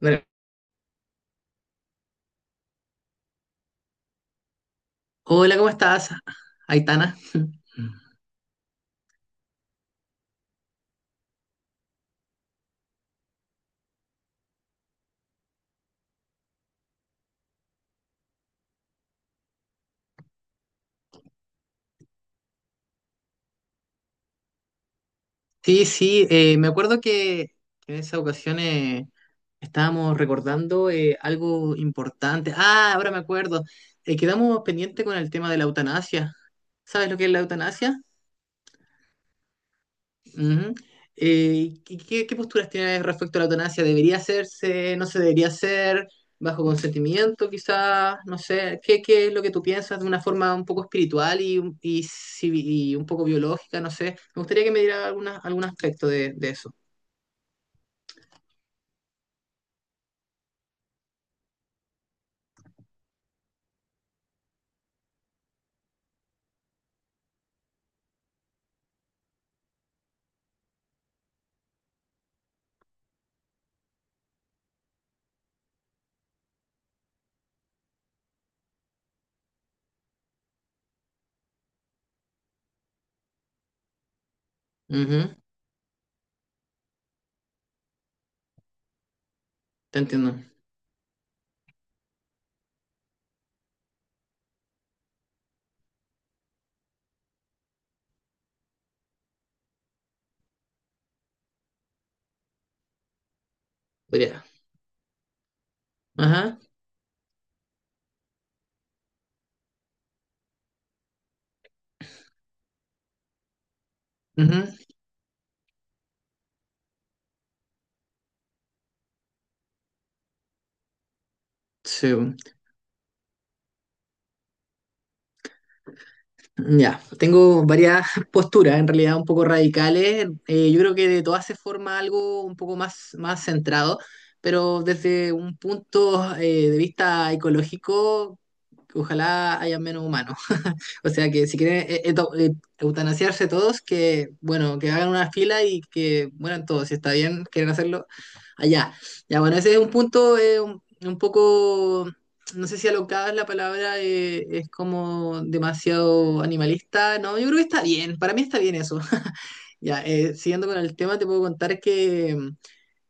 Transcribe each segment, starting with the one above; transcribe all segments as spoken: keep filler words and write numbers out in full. Bueno, hola, ¿cómo estás, Aitana? Sí, sí, eh, me acuerdo que en esa ocasión eh, estábamos recordando eh, algo importante. Ah, ahora me acuerdo. Eh, quedamos pendiente con el tema de la eutanasia. ¿Sabes lo que es la eutanasia? Ujú. Eh, ¿qué, qué- qué posturas tienes respecto a la eutanasia? ¿Debería hacerse? ¿No se debería hacer? ¿Bajo consentimiento, quizás? No sé. ¿Qué, qué es lo que tú piensas de una forma un poco espiritual y, un- y, civi- y un poco biológica? No sé. Me gustaría que me diera alguna, algún aspecto de, de eso. Ujú. Te entiendo. Podría. Ajá. Ujú. Sí. Ya, tengo varias posturas, en realidad un poco radicales. Eh, yo creo que de todas se forma algo un poco más, más centrado, pero desde un punto eh, de vista ecológico, ojalá haya menos humanos. O sea que si quieren eh, eto- eh, eutanasiarse todos, que bueno, que hagan una fila y que mueran todos. Si está bien, quieren hacerlo allá. Ya, bueno, ese es un punto eh, un, un poco, no sé si alocada es la palabra, eh, es como demasiado animalista. No, yo creo que está bien, para mí está bien eso. Ya, eh, siguiendo con el tema, te puedo contar que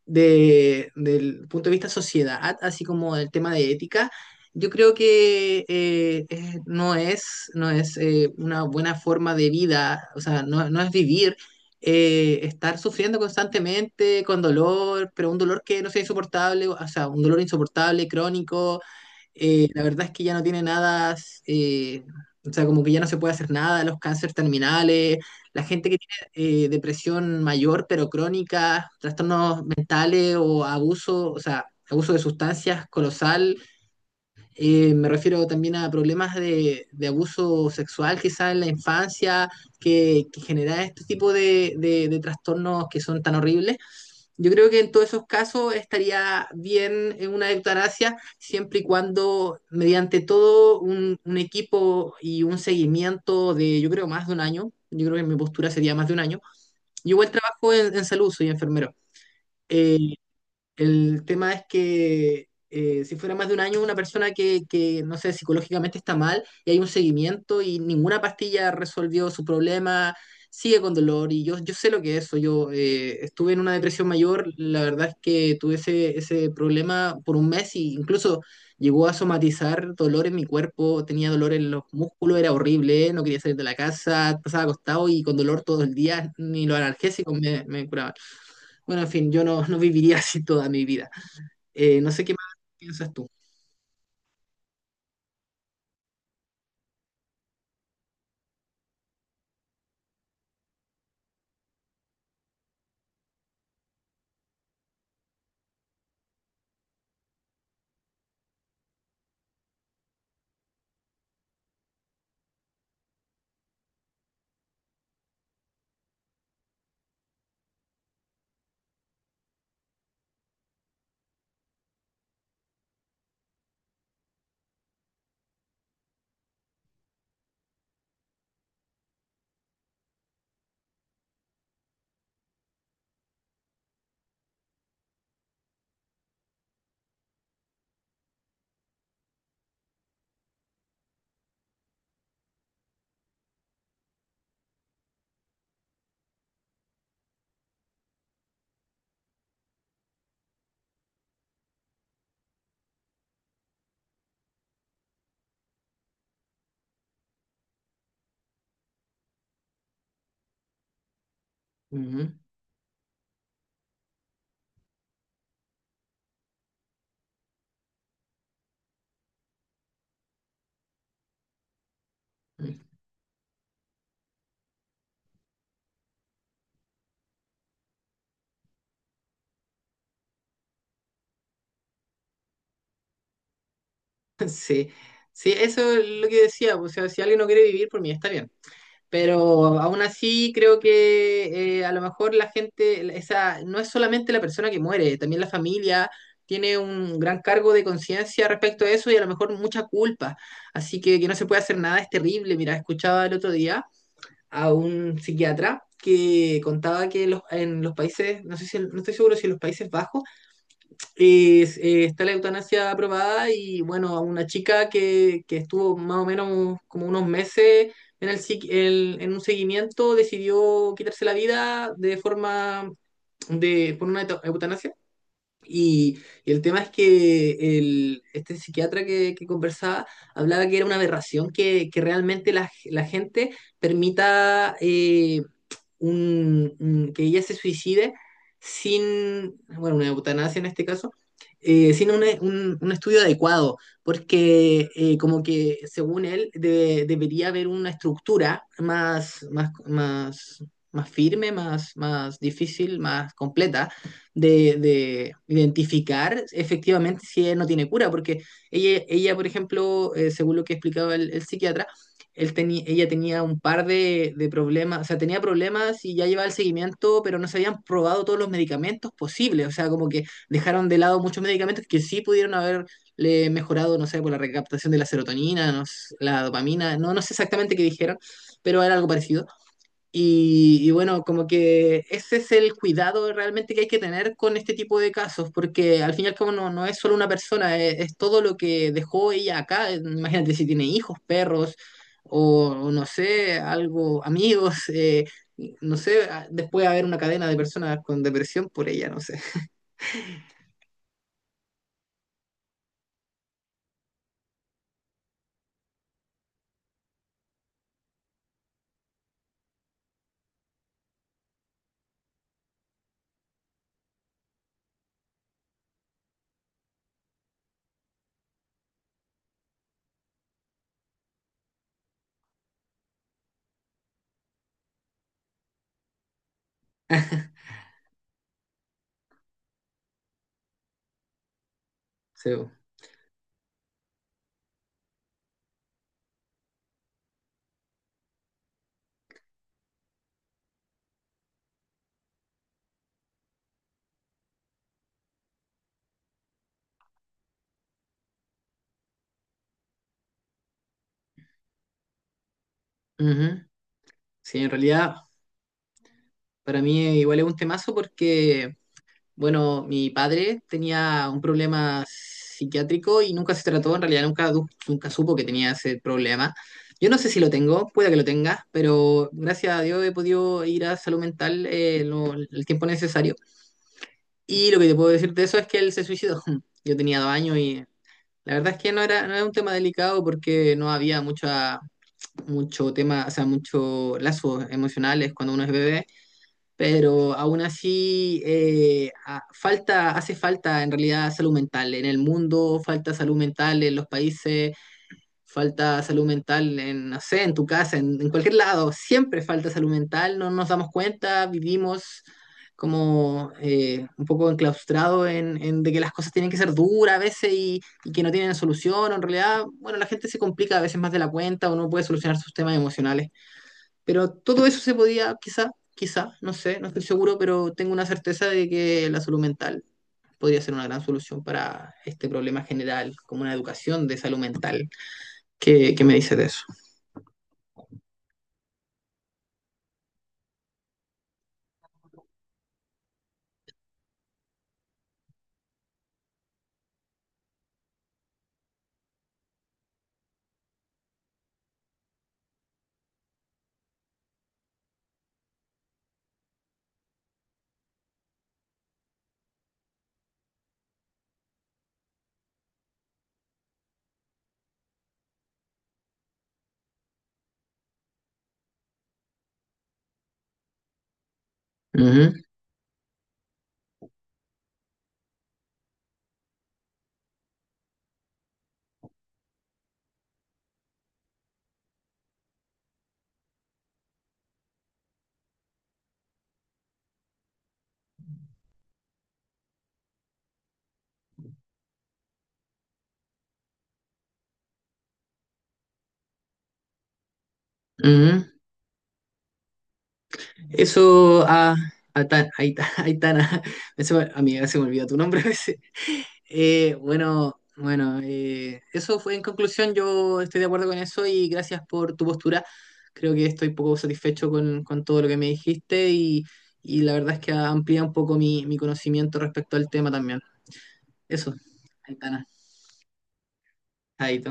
de, del punto de vista sociedad, así como del tema de ética, yo creo que eh, eh, no es, no es eh, una buena forma de vida, o sea, no, no es vivir, eh, estar sufriendo constantemente con dolor, pero un dolor que no sea insoportable, o sea, un dolor insoportable, crónico, eh, la verdad es que ya no tiene nada, eh, o sea, como que ya no se puede hacer nada, los cánceres terminales, la gente que tiene eh, depresión mayor pero crónica, trastornos mentales o abuso, o sea, abuso de sustancias colosal, eh, me refiero también a problemas de, de abuso sexual quizá en la infancia, que, que genera este tipo de, de de trastornos que son tan horribles. Yo creo que en todos esos casos estaría bien en una eutanasia siempre y cuando mediante todo un, un equipo y un seguimiento de, yo creo, más de un año. Yo creo que mi postura sería más de un año. Yo igual trabajo en, en salud, soy enfermero. Eh, el tema es que eh, si fuera más de un año, una persona que, que, no sé, psicológicamente está mal y hay un seguimiento y ninguna pastilla resolvió su problema, sigue con dolor y yo, yo sé lo que es eso. Yo eh, estuve en una depresión mayor, la verdad es que tuve ese, ese problema por un mes y incluso llegó a somatizar dolor en mi cuerpo, tenía dolor en los músculos, era horrible, no quería salir de la casa, pasaba acostado y con dolor todo el día, ni los analgésicos me, me curaban. Bueno, en fin, yo no, no viviría así toda mi vida. Eh, no sé qué más piensas tú. Ujú. Sí, sí, eso es lo que decía, pues, o sea, si alguien no quiere vivir por mí, está bien. Pero aún así creo que eh, a lo mejor la gente, esa, no es solamente la persona que muere, también la familia tiene un gran cargo de conciencia respecto a eso y a lo mejor mucha culpa. Así que que no se puede hacer nada es terrible. Mira, escuchaba el otro día a un psiquiatra que contaba que los- en los países, no sé si, no estoy seguro si en los Países Bajos es- eh, está la eutanasia aprobada y bueno, a una chica que, que estuvo más o menos como unos meses en, el, psiqui- el- en un seguimiento decidió quitarse la vida de forma de, por una euta- eutanasia. Y, y el tema es que el, este psiquiatra que, que conversaba hablaba que era una aberración que, que realmente la, la gente permita eh, un- un- que ella se suicide sin, bueno, una eutanasia en este caso, eh, sin un, un- un estudio adecuado, porque eh, como que según él de- debería haber una estructura más, más, más, más firme, más, más difícil, más completa de, de identificar efectivamente si ella no tiene cura, porque ella, ella por ejemplo, eh, según lo que explicaba el, el psiquiatra, él teni- ella tenía un par de, de problemas, o sea, tenía problemas y ya llevaba el seguimiento, pero no se habían probado todos los medicamentos posibles, o sea, como que dejaron de lado muchos medicamentos que sí pudieron haberle mejorado, no sé, por la recaptación de la serotonina, no s- la dopamina, no, no sé exactamente qué dijeron, pero era algo parecido. Y, y bueno, como que ese es el cuidado realmente que hay que tener con este tipo de casos, porque al fin y al cabo no, no es solo una persona, es, es todo lo que dejó ella acá. Imagínate si tiene hijos, perros, o, o no sé, algo, amigos, eh, no sé, a- después haber una cadena de personas con depresión por ella, no sé. Sí, bo. Ujú. Sí, en realidad para mí igual es un temazo porque bueno, mi padre tenía un problema psiquiátrico y nunca se trató, en realidad nunca, du- nunca supo que tenía ese problema. Yo no sé si lo tengo, puede que lo tenga, pero gracias a Dios he podido ir a salud mental eh, lo- el tiempo necesario. Y lo que te puedo decir de eso es que él se suicidó. Yo tenía dos años y la verdad es que no era, no era un tema delicado porque no había mucha, mucho tema, o sea, mucho lazos emocionales cuando uno es bebé, pero aún así eh, a- falta, hace falta en realidad salud mental. En el mundo falta salud mental en los países, falta salud mental en, no sé, en tu casa, en, en cualquier lado, siempre falta salud mental, no nos damos cuenta, vivimos como eh, un poco enclaustrado en, en de que las cosas tienen que ser duras a veces y, y que no tienen solución, o en realidad, bueno, la gente se complica a veces más de la cuenta o no puede solucionar sus temas emocionales. Pero todo eso se podía, quizá, quizá, no sé, no estoy seguro, pero tengo una certeza de que la salud mental podría ser una gran solución para este problema general, como una educación de salud mental. ¿Qué, qué me dices de eso? Ujú, ujú. Eso, a Aitana, Aitana, ese- amiga, se me olvida tu nombre a veces. Eh, bueno, bueno, eh, eso fue en conclusión. Yo estoy de acuerdo con eso y gracias por tu postura. Creo que estoy poco satisfecho con, con todo lo que me dijiste y, y la verdad es que amplía un poco mi, mi conocimiento respecto al tema también. Eso, Aitana, Aito.